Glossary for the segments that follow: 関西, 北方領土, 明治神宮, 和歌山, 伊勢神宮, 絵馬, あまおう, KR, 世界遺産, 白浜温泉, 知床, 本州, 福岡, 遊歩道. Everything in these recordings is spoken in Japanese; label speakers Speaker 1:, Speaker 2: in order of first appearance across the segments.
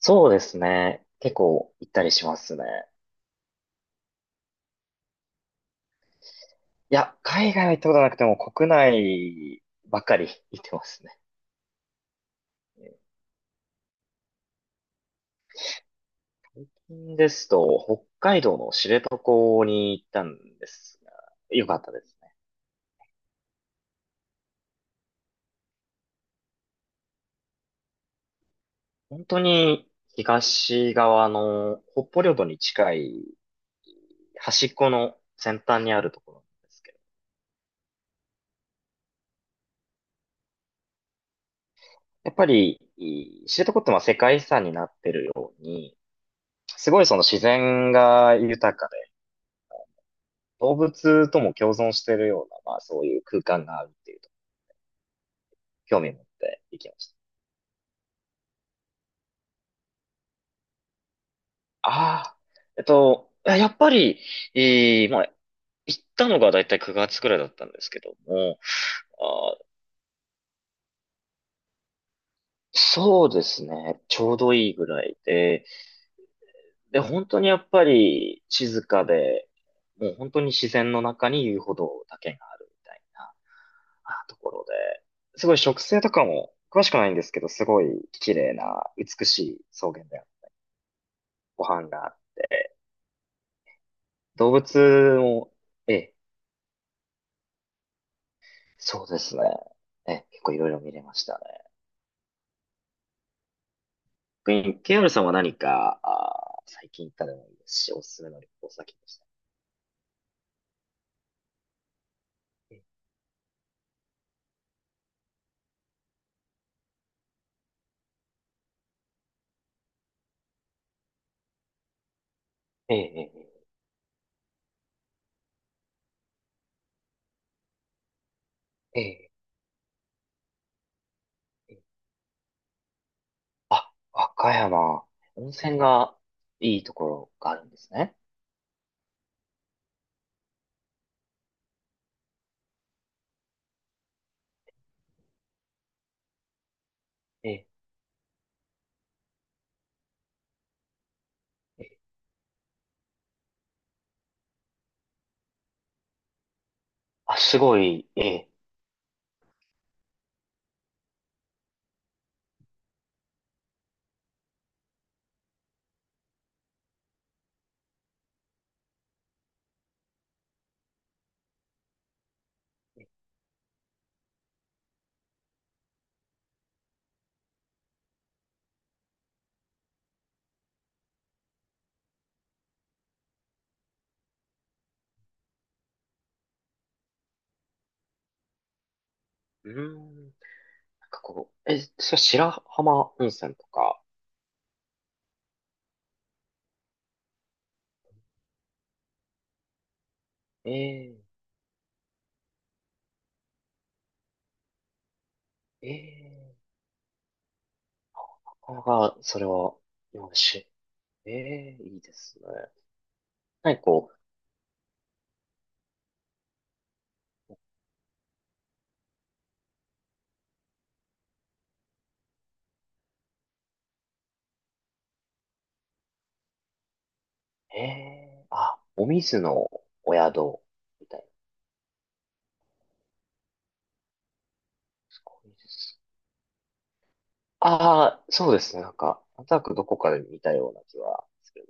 Speaker 1: そうですね。結構行ったりしますね。いや、海外は行ったことなくても国内ばっかり 行ってますね。最近ですと、北海道の知床に行ったんですが、よかったですね。本当に東側の北方領土に近い端っこの先端にあるところなんですけど、やっぱり知床ってまあ世界遺産になってるように、すごいその自然が豊か動物とも共存しているような、まあそういう空間があるっていうと、興味を持って行きました。ああ、いややっぱり、えーまあ、行ったのがだいたい9月くらいだったんですけども、あー、そうですね、ちょうどいいぐらいで、で、本当にやっぱり静かで、もう本当に自然の中に遊歩道だけがあるみたいなところで、すごい植生とかも詳しくないんですけど、すごい綺麗な美しい草原でご飯が動物も、ええ、そうですね。ええ、結構いろいろ見れましたね。逆に KR さんは何か、あー、最近行ったでもいいですし、おすすめの旅行先でした？ええ、ええ、ええ、ええ。あ、和歌山、温泉がいいところがあるんですね。ええ、ええあ、すごい、ええ。うーん、なんかこう、そう白浜温泉とか、ええ、ええ、なかなか、それは、よし、ええ、いいですね。なんかこう、ええあ、お水のお宿みたいな。すごいです。ああ、そうですね。なんか、なんとなくどこかで見たような気はする。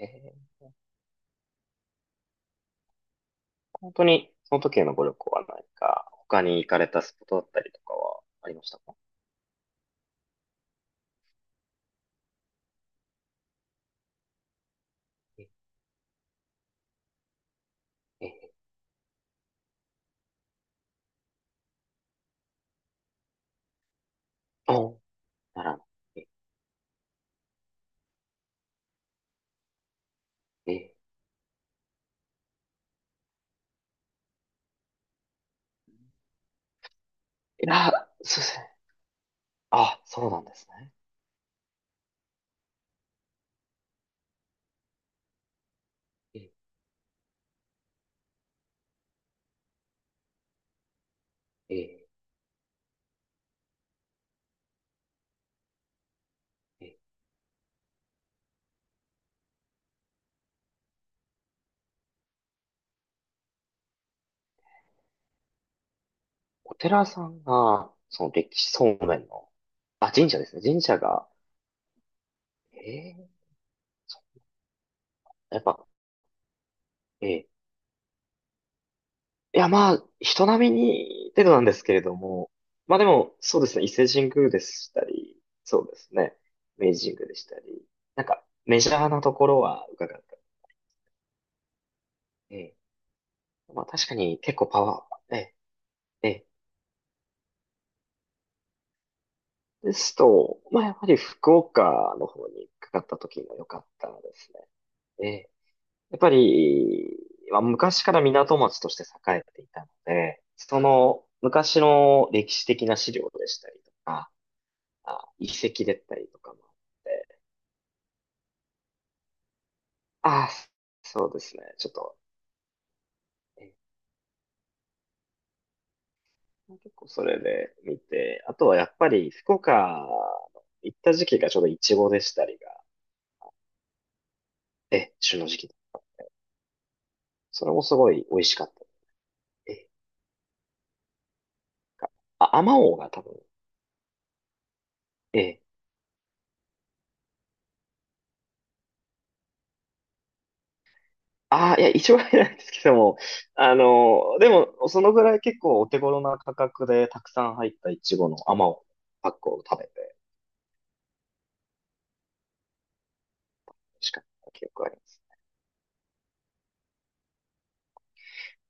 Speaker 1: ええ。本当に、その時へのご旅行は何か、他に行かれたスポットだったりとかはありましたか？ええ、ええ、お、ならぬ。ええ、ええあ、そうですね。あ、そうなんですね。ええ、ええ、ええ、お寺さんが、その歴史そうめんの、あ、神社ですね。神社が、ええ、そうやっぱ、ええ、いや、まあ、人並みに程度なんですけれども、まあでも、そうですね、伊勢神宮でしたり、そうですね、明治神宮でしたり、なんか、メジャーなところは伺った。ええ。まあ確かに結構パワー、ええ、ええ。ですと、まあやっぱり福岡の方にかかった時が良かったですね。ええ。やっぱり、まあ昔から港町として栄えていたので、その昔の歴史的な資料でしたりとか、あ、遺跡だったりとかもあって、ああ、そうですね。ちょっと、え結構それで見て、あとはやっぱり福岡の行った時期がちょうどイチゴでしたりが、旬の時期。それもすごい美味しかった。え、かあ、あまおうが多分、え、ああ、いや、一応入らないですけども、あのでも、そのぐらい結構お手頃な価格でたくさん入ったイチゴの甘をパックを食べて美味しかった記憶があります。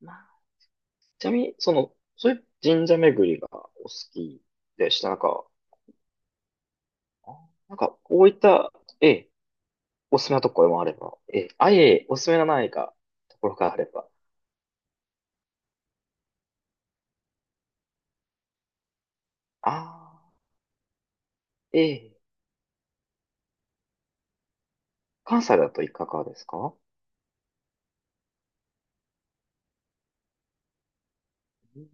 Speaker 1: まあちなみに、その、そういう神社巡りがお好きでした。なんか、あなんか、こういった、ええ、おすすめなところもあれば、ええ、あ、いえいえ、おすすめのないか、ところがあれば、ああ、ええ、関西だといかがですか？うん、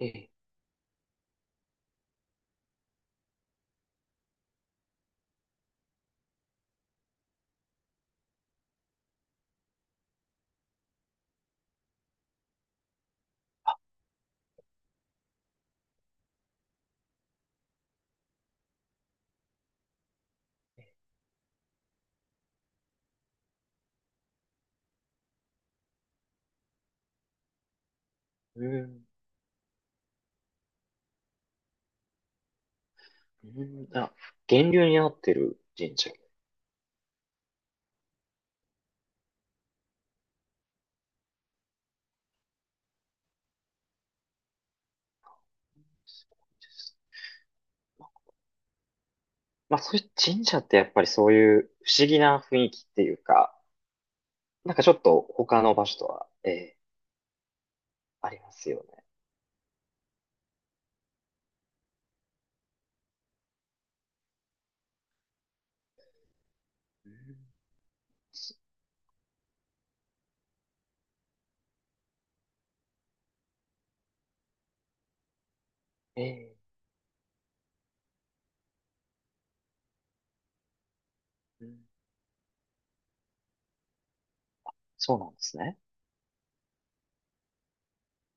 Speaker 1: ええ、うん、うん、あ、源流になってる神社ですごいです。まあ、そういう神社ってやっぱりそういう不思議な雰囲気っていうか、なんかちょっと他の場所とは、ええ、ありますよね。うん、ええ、うん、そうなんですね。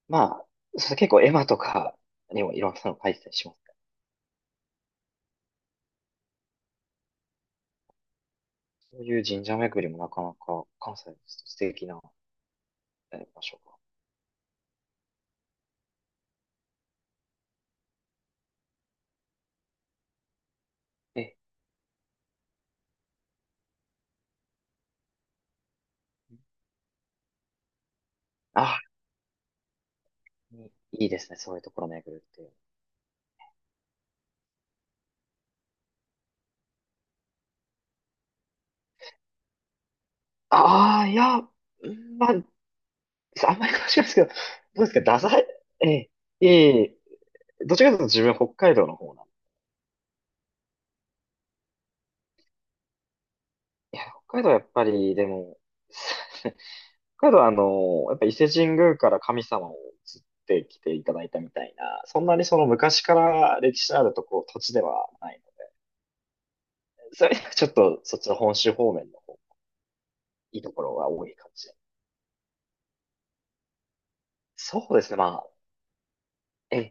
Speaker 1: まあ、それ結構絵馬とかにもいろんなの書いてたりしますね。そういう神社巡りもなかなか関西ですと素敵な場所が。え、あ、いいいですね。そういうところ巡るっていう。ああ、いや、うん、まあ、あんまり詳しくないですけど、どうですか、ダサい。ええ、いえいえ、どっちらかというと自分北海道の方なんで。いや、北海道はやっぱり、でも、北海道はあの、やっぱ伊勢神宮から神様を移ってきていただいたみたいな、そんなにその昔から歴史のあるとこ、土地ではないので、それちょっとそっちの本州方面の方いいところが多いかもしれない。そうですね、まあ、え、